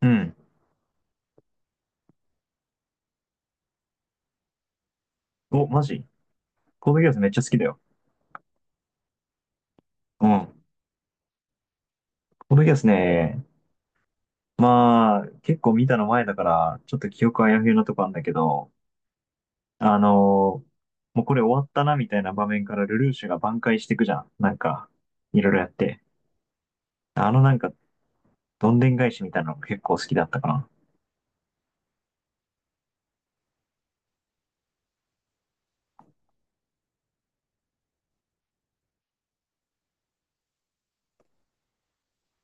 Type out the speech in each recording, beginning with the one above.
うん。お、マジ。コードギアスめっちゃ好きだよ。うん。コードギアスね、まあ、結構見たの前だから、ちょっと記憶あやふやなとこあんだけど、あのーもうこれ終わったなみたいな場面からルルーシュが挽回していくじゃん。なんか、いろいろやって。あのなんか、どんでん返しみたいなのが結構好きだったかな。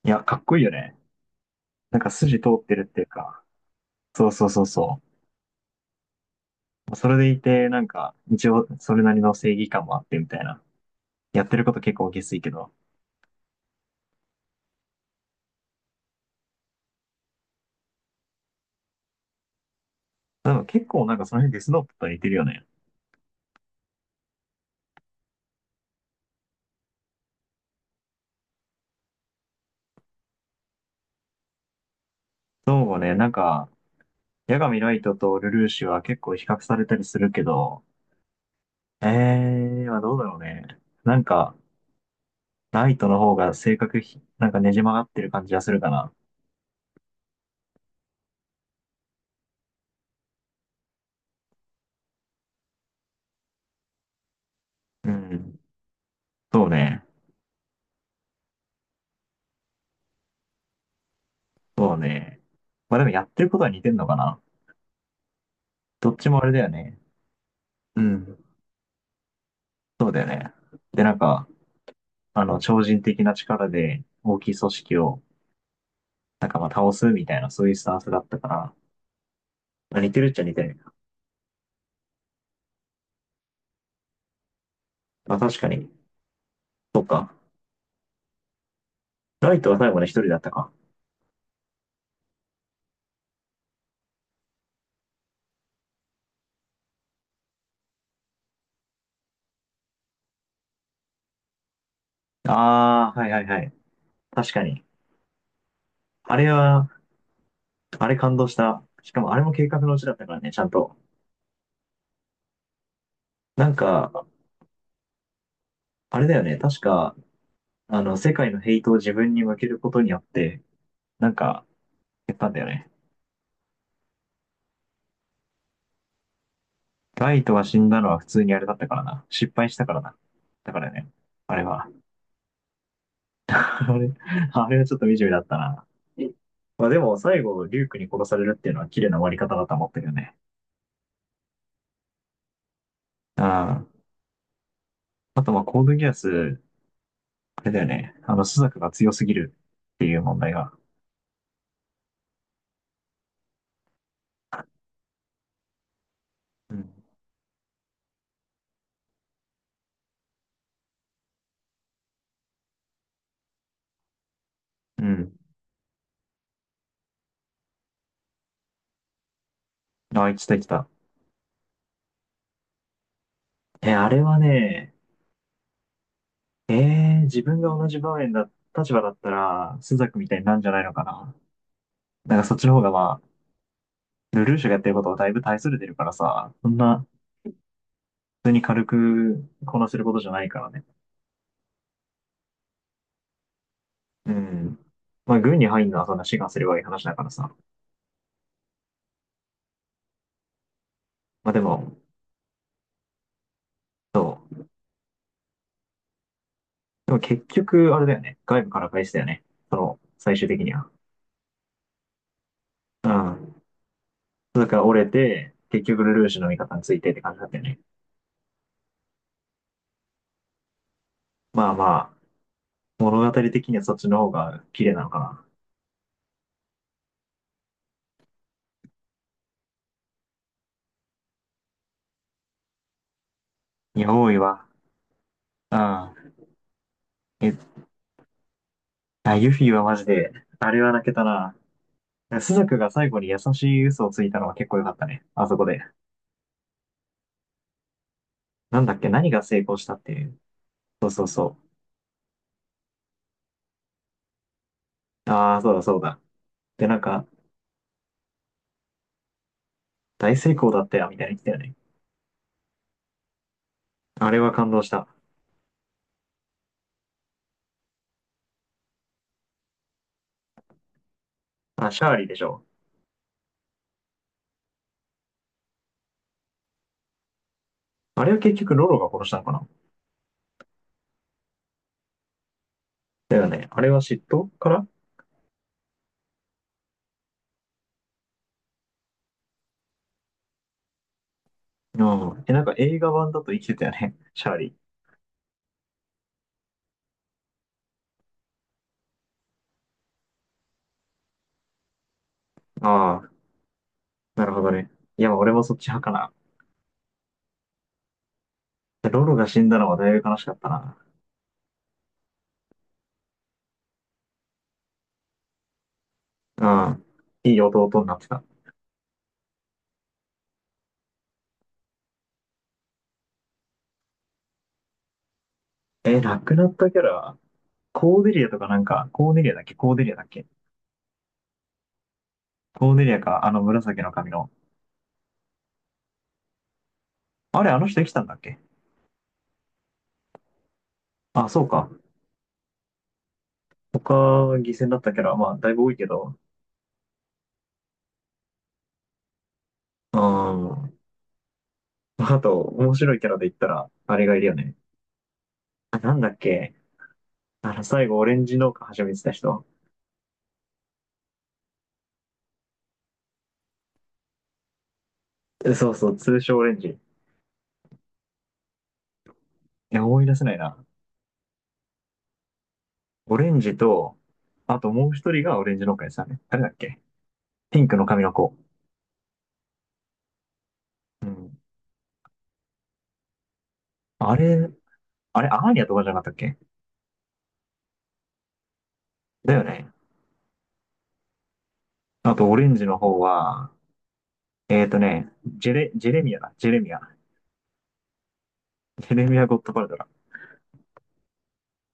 いや、かっこいいよね。なんか筋通ってるっていうか、そうそうそうそう。それでいて、なんか、一応、それなりの正義感もあってみたいな。やってること結構下水けど、なんか結構なんかその辺デスノートと似てるよね。そうね、なんか、八神ライトとルルーシュは結構比較されたりするけど、まあどうだろうね。なんか、ライトの方が性格ひ、なんかねじ曲がってる感じがするかな。うん。そうね。そうね。まあでもやってることは似てんのかな。どっちもあれだよね。うん。そうだよね。で、なんか、あの、超人的な力で大きい組織を、なんかまあ倒すみたいな、そういうスタンスだったから、まあ似てるっちゃ似てる。まあ確かに。そっか。ライトは最後ね、一人だったか。ああ、はいはいはい。確かに。あれは、あれ感動した。しかもあれも計画のうちだったからね、ちゃんと。なんか、あれだよね、確か、あの、世界のヘイトを自分に向けることによって、なんか、やったんだよね。ライトが死んだのは普通にあれだったからな。失敗したからな。だからね、あれは。あれ、あれはちょっと惨めだったな。まあでも、最後、リュークに殺されるっていうのは綺麗な終わり方だと思ったけどね。ああ。あと、まあ、コードギアス、あれだよね。あの、朱雀が強すぎるっていう問題が。うん。うん。あ、来た来た。え、あれはね、え自分が同じ場面だ、立場だったら、朱雀みたいになんじゃないのかな。なんかそっちの方がまあ、ルルーシュがやってることはだいぶ大それてるからさ、そんな、普通に軽くこなせることじゃないからね。うん。まあ、軍に入るのはそんな志願すればいい話だからさ。まあでも、そう。でも結局、あれだよね。外部から返しだよね。その、最終的には。うん。だから折れて、結局ルルーシュの味方についてって感じだったよね。まあまあ、物語的にはそっちの方が綺麗なのかな。いや、多いわ。うん。え、あ、ユフィはマジで、あれは泣けたな。スザクが最後に優しい嘘をついたのは結構良かったね。あそこで。なんだっけ、何が成功したっていう。そうそうそう。ああ、そうだそうだ。で、なんか、大成功だったよ、みたいに言ってたよね。あれは感動した。あ、シャーリーでしょ。あれは結局ロロが殺したのかな。だよね。あれは嫉妬から。うん。え、なんか映画版だと生きてたよね。シャーリー。ああ、なるほどね。いや、俺もそっち派かな。ロロが死んだのはだいぶ悲しかったな。うん。いい弟になってた。え、亡くなったキャラ、コーデリアとかなんか、コーデリアだっけ？コーデリアだっけ？コーデリアか、あの紫の髪の。あれ、あの人生きたんだっけ？あ、そうか。他、犠牲になったキャラ、まあ、だいぶ多いけど。うん。あと、面白いキャラで言ったら、あれがいるよね。あ、なんだっけ？あの、最後、オレンジ農家始めてた人。えそうそう、通称オレンジ。いや、思い出せないな。オレンジと、あともう一人がオレンジ農家でしたね。誰だっけ？ピンクの髪の子。うん。あれ、あれ、アーニャとかじゃなかったっけ？だよね。あと、オレンジの方は、えっとね、ジェレ、ジェレミアだ。ジェレミア。ジェレミア・ゴッドパルトだ。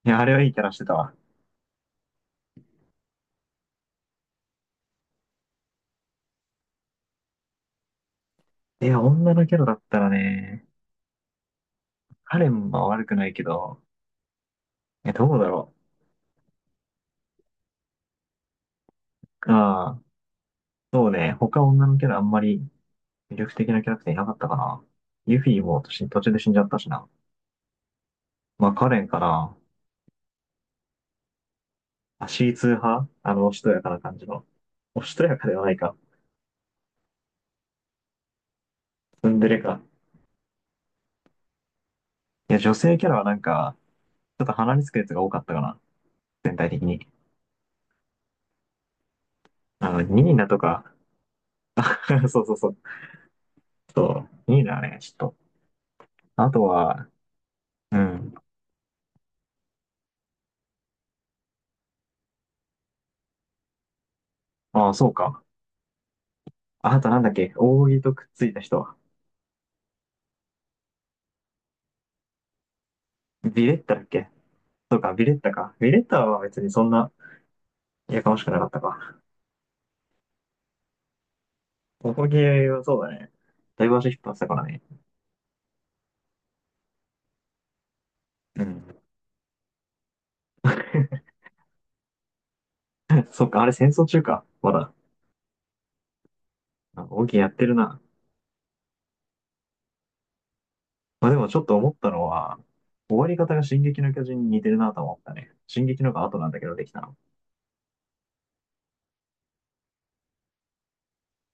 いや、あれはいいキャラしてたわ。いや、女のキャラだったらね、カレンは悪くないけど、え、どうだろう。ああ、そうね。他女のキャラあんまり魅力的なキャラクターいなかったかな。ユフィも途中途中で死んじゃったしな。まあ、カレンかな。あ、C2 派あの、おしとやかな感じの。おしとやかではないか。ツンデレか。いや、女性キャラはなんか、ちょっと鼻につくやつが多かったかな。全体的に。あの、ニーナとか。そうそうそう。そう、ニーナはね、ちょっと。あとは、うん。ああ、そうか。あとなんだっけ。扇とくっついた人。ビレッタだっけ？そうか、ビレッタか。ビレッタは別にそんな、やかましくなかったか。扇はそうだね。だいぶ足引っ張ってたからね。うん。そうか、あれ戦争中か。まだ。あ扇やってるな。まあでもちょっと思ったのは、終わり方が進撃の巨人に似てるなと思ったね。進撃のが後なんだけどできたの。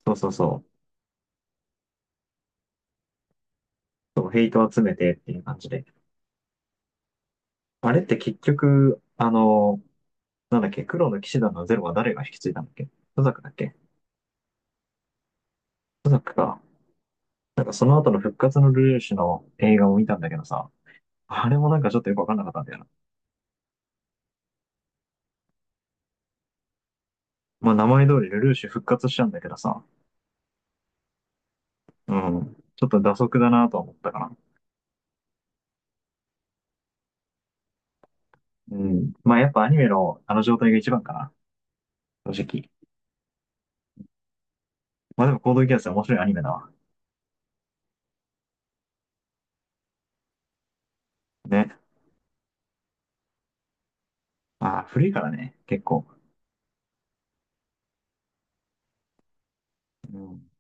そうそうそう。そう、ヘイト集めてっていう感じで。あれって結局、あの、なんだっけ、黒の騎士団のゼロは誰が引き継いだんだっけ？トザクだっけ？トザクか。なんかその後の復活のルルーシュの映画を見たんだけどさ、あれもなんかちょっとよくわかんなかったんだよな。まあ名前通りルルーシュ復活しちゃうんだけどさ、うん。ちょっと蛇足だなとは思ったかな。うん。まあやっぱアニメのあの状態が一番かな。正直。まあでも、コードギアスは面白いアニメだわ。ね。ああ、古いからね、結構。うん